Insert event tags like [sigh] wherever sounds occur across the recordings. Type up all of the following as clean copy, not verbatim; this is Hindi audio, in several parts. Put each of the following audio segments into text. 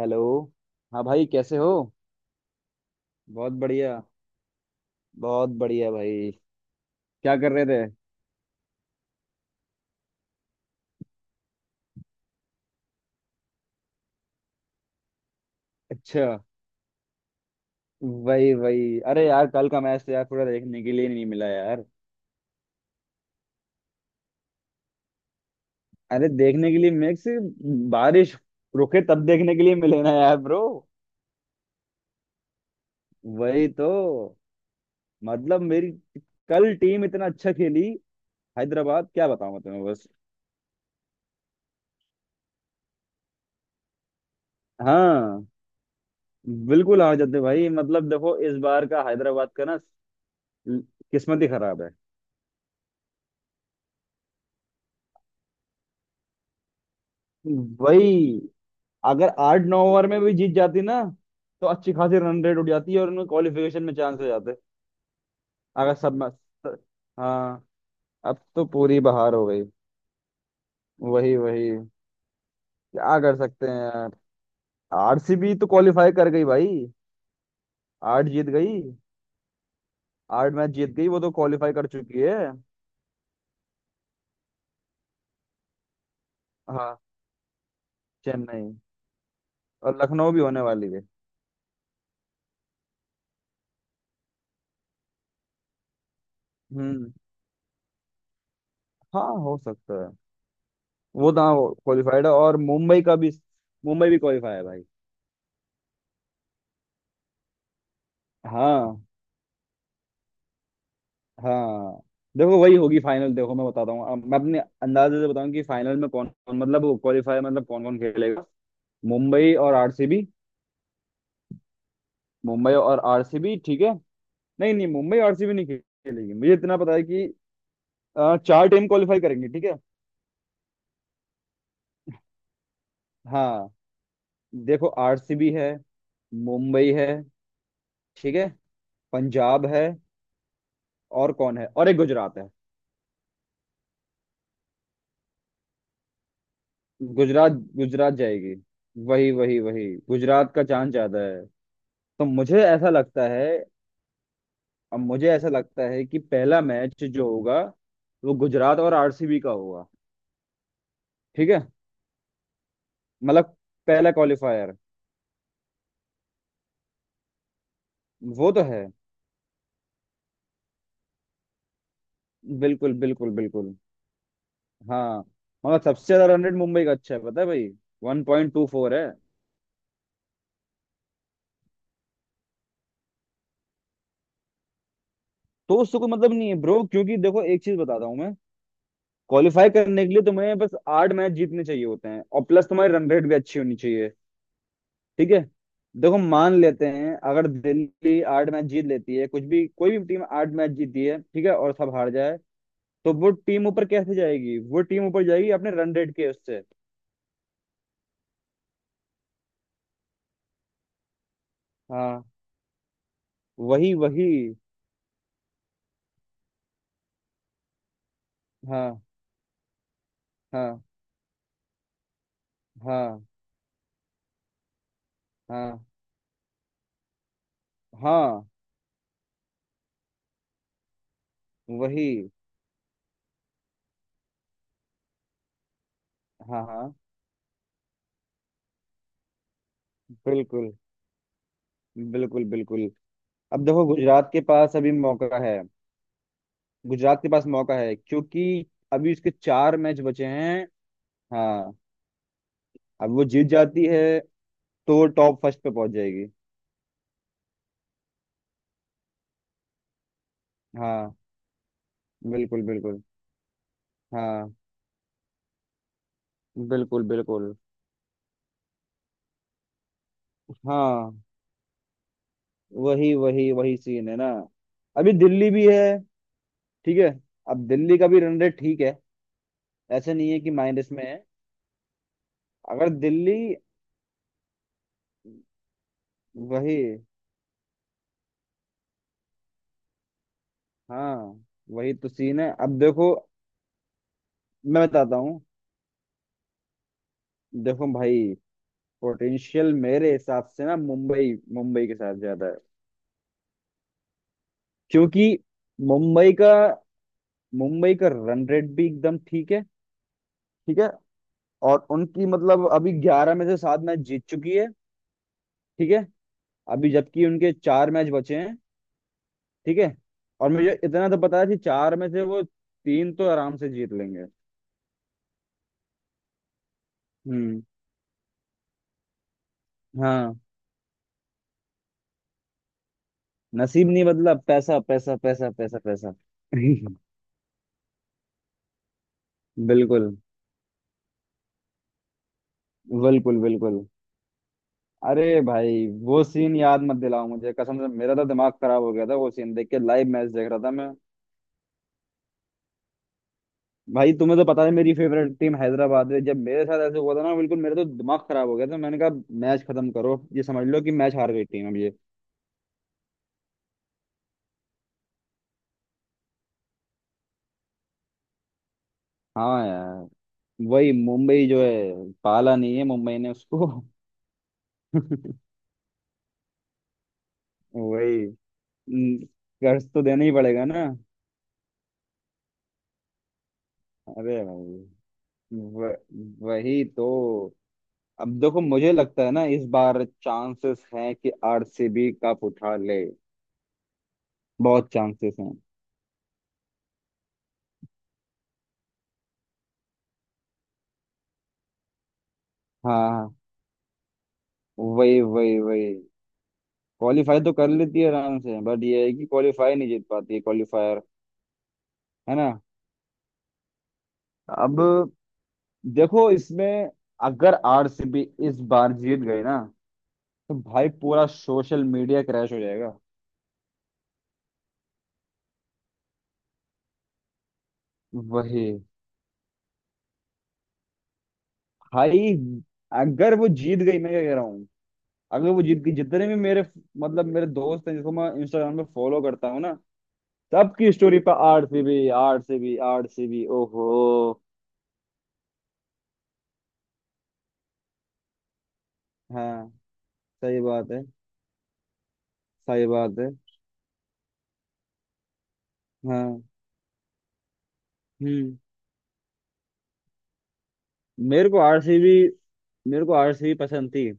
हेलो। हाँ भाई, कैसे हो? बहुत बढ़िया। बहुत बढ़िया भाई। क्या कर रहे थे? अच्छा। वही वही। अरे यार, कल का मैच तो यार पूरा देखने के लिए नहीं मिला यार। अरे देखने के लिए मैच, बारिश रुके तब देखने के लिए मिले ना यार ब्रो। वही तो। मतलब मेरी, कल टीम इतना अच्छा खेली। हैदराबाद, क्या बताऊं मैं तुम्हें बस। हाँ बिल्कुल हार जाते भाई। मतलब देखो, इस बार का हैदराबाद का ना किस्मत ही खराब है। वही। अगर आठ नौ ओवर में भी जीत जाती ना, तो अच्छी खासी रन रेट उठ जाती है और उनमें क्वालिफिकेशन में चांस हो जाते। अगर सब में- हाँ। अब तो पूरी बहार हो गई। वही वही। क्या कर सकते हैं यार। आरसीबी तो क्वालिफाई कर गई भाई। आठ जीत गई। आठ मैच जीत गई, वो तो क्वालिफाई कर चुकी है। हाँ चेन्नई और लखनऊ भी होने वाली है। हम्म। हाँ हो सकता है। वो तो हाँ क्वालिफाइड है, और मुंबई का भी। मुंबई भी क्वालिफाई है भाई। हाँ हाँ। देखो, वही होगी फाइनल। देखो मैं बताता हूँ। अब मैं अपने अंदाजे से बताऊं कि फाइनल में कौन कौन, मतलब वो क्वालिफायर, मतलब कौन कौन खेलेगा। मुंबई और आरसीबी। मुंबई और आरसीबी, ठीक है। नहीं नहीं, मुंबई आरसीबी नहीं खेलेगी। मुझे इतना पता है कि चार टीम क्वालिफाई करेंगी, ठीक है। हाँ देखो, आरसीबी है, मुंबई है, ठीक है, पंजाब है, और कौन है, और एक गुजरात है। गुजरात गुजरात जाएगी। वही वही वही। गुजरात का चांस ज्यादा है। तो मुझे ऐसा लगता है। अब मुझे ऐसा लगता है कि पहला मैच जो होगा, वो गुजरात और आरसीबी का होगा, ठीक है। मतलब पहला क्वालिफायर। वो तो है। बिल्कुल बिल्कुल बिल्कुल। हाँ मगर सबसे ज्यादा रन रेट मुंबई का अच्छा है, पता है भाई? वन पॉइंट टू फोर है। तो उससे कोई मतलब नहीं है ब्रो, क्योंकि देखो एक चीज बताता हूँ मैं। क्वालिफाई करने के लिए तुम्हें बस आठ मैच जीतने चाहिए होते हैं, और प्लस तुम्हारी रन रेट भी अच्छी होनी चाहिए, ठीक है। देखो, मान लेते हैं अगर दिल्ली आठ मैच जीत लेती है, कुछ भी कोई भी टीम आठ मैच जीती है, ठीक है, और सब हार जाए, तो वो टीम ऊपर कैसे जाएगी? वो टीम ऊपर जाएगी अपने रन रेट के उससे। हाँ वही वही। हाँ हाँ हाँ हाँ हाँ। वही। हाँ हाँ। बिल्कुल बिल्कुल बिल्कुल। अब देखो गुजरात के पास अभी मौका है। गुजरात के पास मौका है, क्योंकि अभी उसके चार मैच बचे हैं। हाँ, अब वो जीत जाती है, तो वो टॉप फर्स्ट पे पहुंच जाएगी। हाँ बिल्कुल बिल्कुल। हाँ बिल्कुल बिल्कुल। हाँ वही वही वही सीन है ना। अभी दिल्ली भी है, ठीक है। अब दिल्ली का भी रन रेट ठीक है, ऐसे नहीं है कि माइनस में है। अगर दिल्ली, वही। हाँ वही तो सीन है। अब देखो, मैं बताता हूँ। देखो भाई, पोटेंशियल मेरे हिसाब से ना मुंबई, मुंबई के साथ ज्यादा है। क्योंकि मुंबई का, मुंबई का रन रेट भी एकदम ठीक है, ठीक है। और उनकी मतलब अभी ग्यारह में से सात मैच जीत चुकी है, ठीक है। अभी जबकि उनके चार मैच बचे हैं, ठीक है। और मुझे इतना तो पता है कि चार में से वो तीन तो आराम से जीत लेंगे। हम्म। हाँ, नसीब नहीं बदला, पैसा पैसा पैसा पैसा पैसा [laughs] बिल्कुल बिल्कुल बिल्कुल। अरे भाई, वो सीन याद मत दिलाओ मुझे, कसम से मेरा तो दिमाग खराब हो गया था वो सीन देख के। लाइव मैच देख रहा था मैं। भाई तुम्हें तो पता है मेरी फेवरेट टीम हैदराबाद है। जब मेरे साथ ऐसे हुआ था ना, बिल्कुल मेरा तो दिमाग खराब हो गया था। मैंने कहा मैच खत्म करो, ये समझ लो कि मैच हार गई टीम अब ये। हाँ यार। वही, मुंबई जो है पाला नहीं है, मुंबई ने उसको [laughs] वही। हम्म। कर्ज तो देना ही पड़ेगा ना। अरे भाई, व, वही तो। अब देखो, मुझे लगता है ना इस बार चांसेस हैं कि आरसीबी कप उठा ले। बहुत चांसेस हैं। हाँ वही वही वही। क्वालिफाई तो कर लेती है आराम से, बट ये है कि क्वालिफाई नहीं जीत पाती है क्वालिफायर, है ना। अब देखो इसमें, अगर आरसीबी इस बार जीत गई ना, तो भाई पूरा सोशल मीडिया क्रैश हो जाएगा। वही। भाई, अगर वो जीत गई, मैं क्या कह रहा हूँ, अगर वो जीत गई, जितने भी मेरे मतलब मेरे दोस्त हैं जिसको मैं इंस्टाग्राम पे फॉलो करता हूँ ना, सबकी स्टोरी पर आरसीबी आरसीबी आरसीबी, ओहो। हाँ। सही बात है। सही बात है। हाँ। हम्म। मेरे को आरसीबी, मेरे को आरसीबी पसंद थी।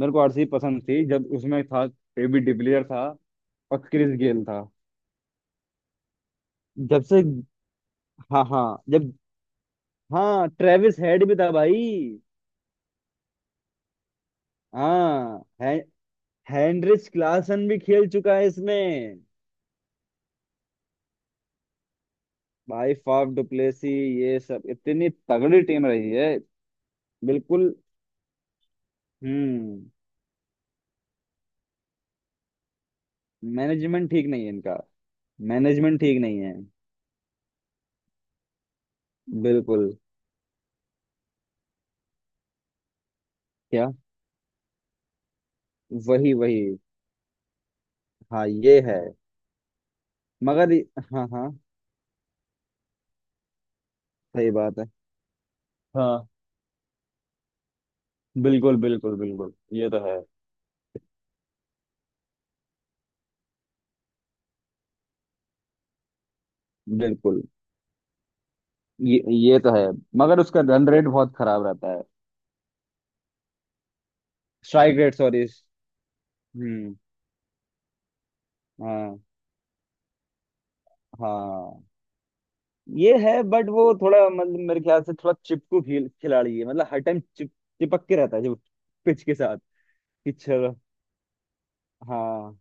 मेरे को आरसीबी पसंद थी जब उसमें था एबी डिविलियर, था और क्रिस गेल था। जब से। हाँ हाँ जब। हाँ ट्रेविस हेड भी था भाई। हाँ है। हेनरिच क्लासन भी खेल चुका है इसमें। भाई फाफ डुप्लेसी, ये सब इतनी तगड़ी टीम रही है। बिल्कुल। हम्म। मैनेजमेंट ठीक नहीं है इनका। मैनेजमेंट ठीक नहीं है। बिल्कुल। क्या। वही वही। हाँ ये है। मगर हाँ हाँ। सही बात है। हाँ बिल्कुल बिल्कुल बिल्कुल, ये तो है। बिल्कुल। ये तो है। मगर उसका रन रेट बहुत खराब रहता है। Strike rate sorry. हम्म। हाँ हाँ। ये है, बट वो थोड़ा मतलब मेरे ख्याल से थोड़ा चिपकू खेल खिलाड़ी है, मतलब हर टाइम चिप, चिपक के रहता है जो पिच के साथ। कि चलो। हाँ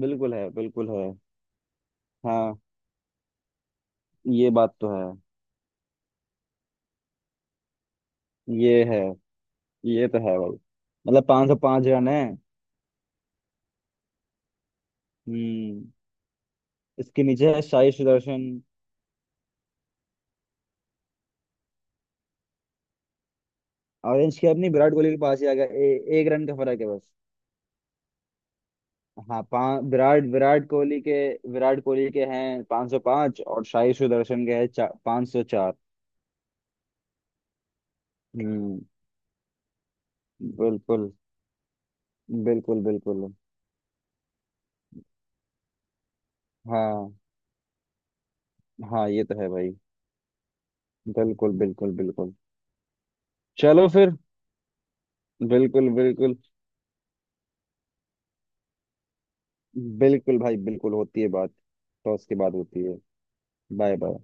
बिल्कुल है बिल्कुल है। हाँ ये बात तो है। ये है, ये तो है भाई। मतलब पाँच सौ पाँच रन है। हम्म। इसके नीचे है साई सुदर्शन। ऑरेंज कैप नहीं, विराट कोहली के पास ही आ गया। एक रन का फर्क है बस। हाँ पाँच, विराट, विराट कोहली के, विराट कोहली के हैं 505, और साई सुदर्शन के हैं 504। हम्म। बिल्कुल बिल्कुल बिल्कुल। हाँ हाँ ये तो है भाई। बिल्कुल बिल्कुल बिल्कुल। चलो फिर। बिल्कुल बिल्कुल बिल्कुल भाई, बिल्कुल होती है बात, तो उसके बाद होती है। Bye bye.